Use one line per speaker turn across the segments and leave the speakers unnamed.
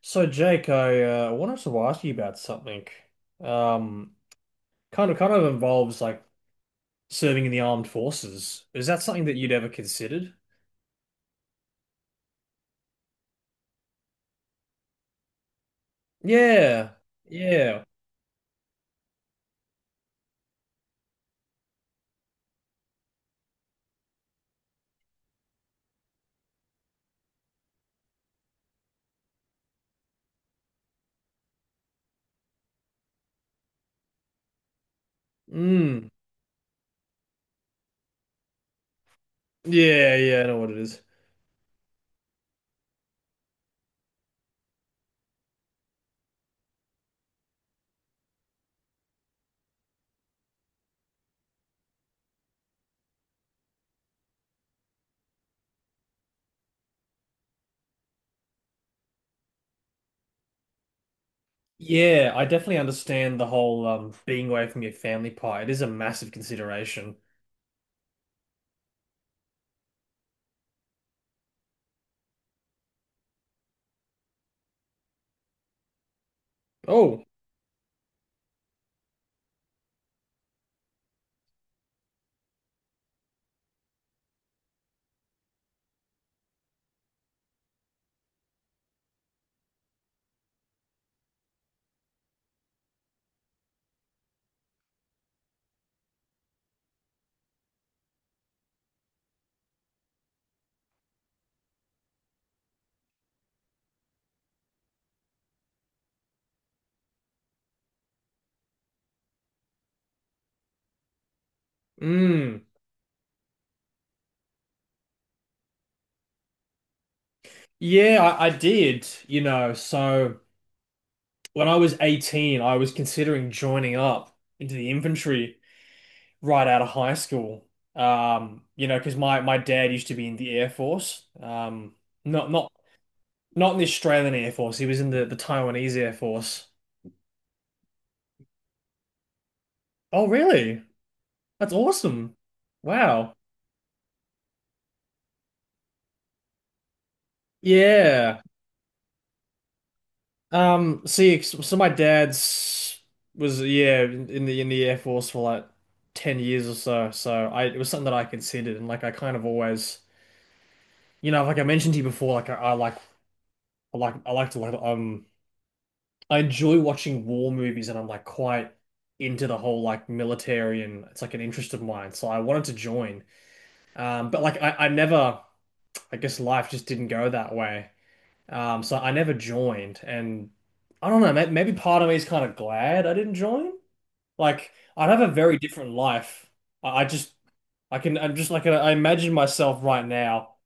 So Jake, I wanted to ask you about something. Um, kind of involves like serving in the armed forces. Is that something that you'd ever considered? Yeah, yeah, mm, yeah, yeah. I know what it is. Yeah, I definitely understand the whole being away from your family part. It is a massive consideration. Oh, mm, yeah, I did. You know, so when I was 18, I was considering joining up into the infantry, right out of high school. You know, because my dad used to be in the Air Force. Not not in the Australian Air Force. He was in the Taiwanese Air Force. Oh, really? That's awesome. Wow. Yeah. See, so my dad's was yeah in in the Air Force for like 10 years or so. So I it was something that I considered, and like I kind of always, you know, like I mentioned to you before, like I like I like I like to like I enjoy watching war movies, and I'm like quite into the whole like military, and it's like an interest of mine. So I wanted to join. But I never, I guess life just didn't go that way. So I never joined, and I don't know, maybe part of me is kind of glad I didn't join. Like, I'd have a very different life. I, I just, I'm just like, I imagine myself right now,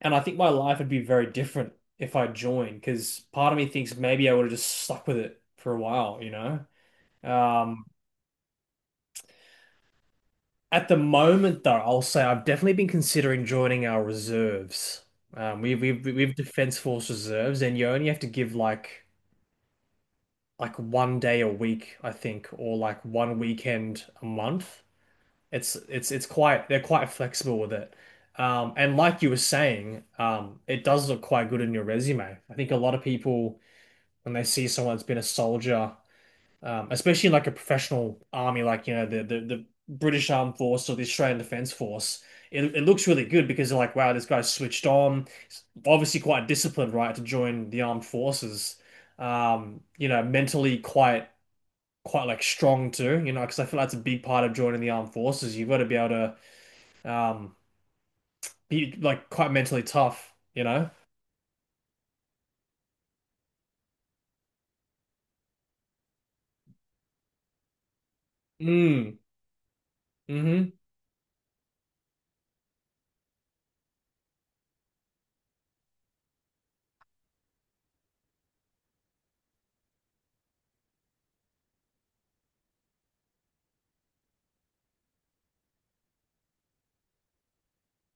and I think my life would be very different if I joined, because part of me thinks maybe I would have just stuck with it for a while, you know? Um, at the moment, though, I'll say I've definitely been considering joining our reserves. We've Defense Force reserves, and you only have to give like 1 day a week, I think, or like one weekend a month. It's quite they're quite flexible with it. And like you were saying, it does look quite good in your resume. I think a lot of people when they see someone that's been a soldier, especially in like a professional army, like you know the British Armed Force or the Australian Defence Force. It looks really good, because they're like, wow, this guy's switched on. He's obviously quite disciplined, right, to join the armed forces. You know, mentally quite like strong too. You know, because I feel like that's a big part of joining the armed forces. You've got to be able to be like quite mentally tough. You know. Mm. Mm-hmm.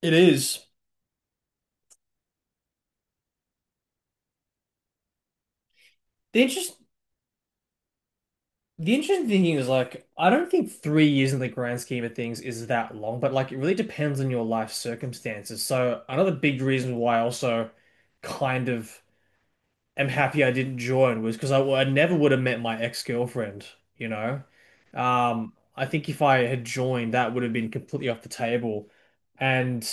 It is. The interest. The interesting thing is, like, I don't think 3 years in the grand scheme of things is that long, but like, it really depends on your life circumstances. So, another big reason why I also kind of am happy I didn't join was because I never would have met my ex-girlfriend, you know? I think if I had joined, that would have been completely off the table. And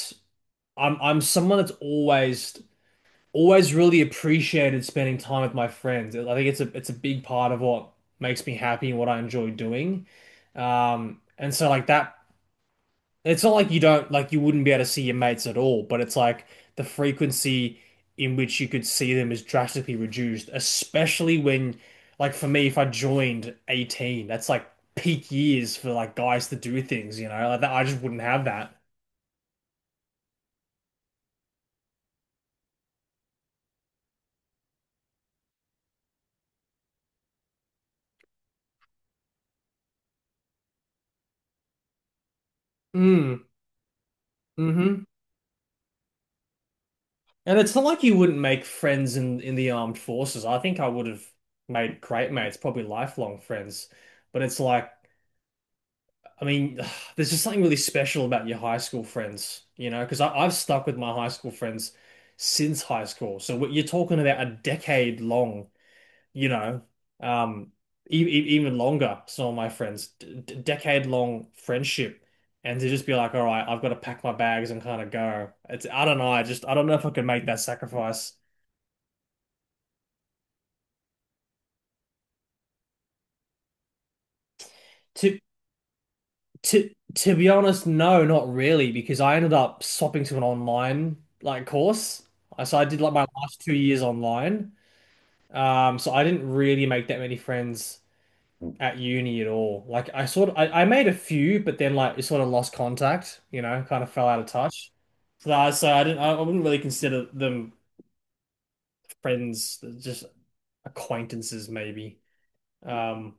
I'm someone that's always really appreciated spending time with my friends. I think it's a big part of what makes me happy and what I enjoy doing. And so like that, it's not like you don't like you wouldn't be able to see your mates at all, but it's like the frequency in which you could see them is drastically reduced, especially when like for me, if I joined 18, that's like peak years for like guys to do things, you know? Like that, I just wouldn't have that. Mm, hmm. And it's not like you wouldn't make friends in the armed forces. I think I would have made great mates, probably lifelong friends. But it's like, I mean, there's just something really special about your high school friends, you know, because I've stuck with my high school friends since high school. So what you're talking about, a decade long, you know, um, even longer. Some of my friends, decade long friendship. And to just be like, all right, I've got to pack my bags and kind of go. It's, I don't know. I just, I don't know if I could make that sacrifice. To To to be honest, no, not really, because I ended up swapping to an online like course. So I did like my last 2 years online. So I didn't really make that many friends at uni at all. Like I sort of I made a few, but then like it sort of lost contact, you know, kind of fell out of touch. So I didn't I wouldn't really consider them friends, they're just acquaintances maybe. Um,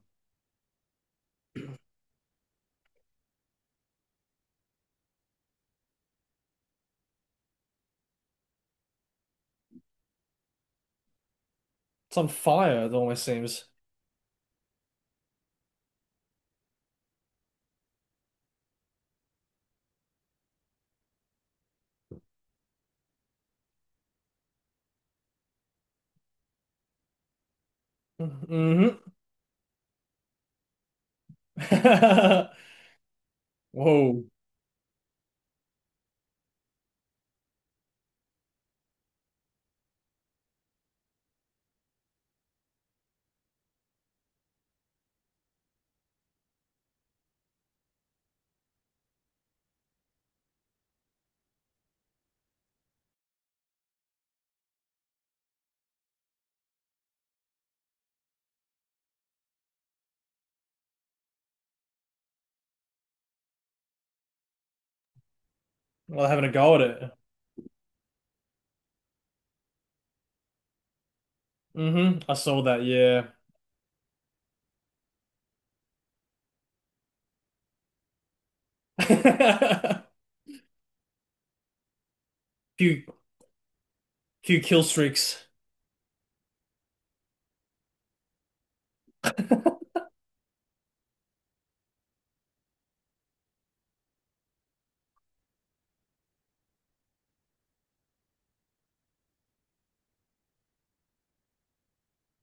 it's on fire, it almost seems. Hmm. Whoa. Well, having a go at it. Hmm, I saw that, yeah. Few Few kill streaks.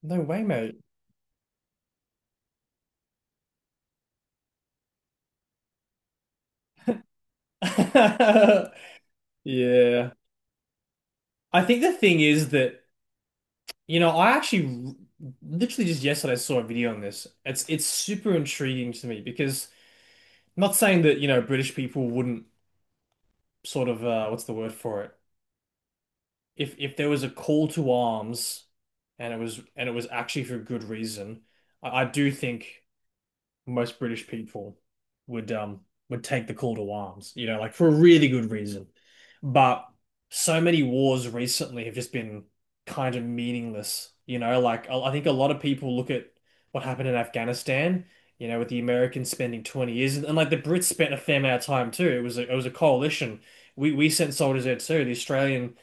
No way, mate. Yeah. I think the thing is that, you know, I actually literally just yesterday saw a video on this. It's super intriguing to me because I'm not saying that, you know, British people wouldn't sort of what's the word for it? If there was a call to arms, and it was, and it was actually for good reason, I do think most British people would um would take the call to arms, you know, like for a really good reason. But so many wars recently have just been kind of meaningless, you know, like I think a lot of people look at what happened in Afghanistan, you know, with the Americans spending 20 years, and like the Brits spent a fair amount of time too. It was it was a coalition. We sent soldiers there too. The Australian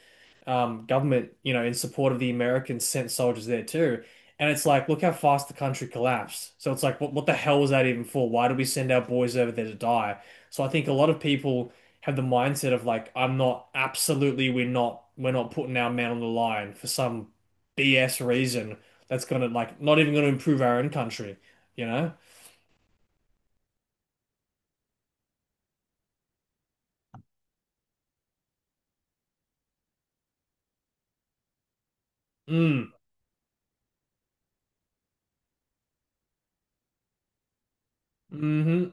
government, you know, in support of the Americans, sent soldiers there too. And it's like, look how fast the country collapsed. So it's like, what the hell was that even for? Why did we send our boys over there to die? So I think a lot of people have the mindset of like, I'm not absolutely, we're not putting our man on the line for some BS reason that's gonna like not even gonna improve our own country, you know? Mm. Mm-hmm.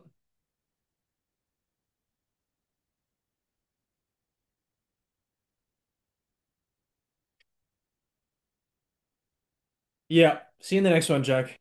Yeah. See you in the next one, Jack.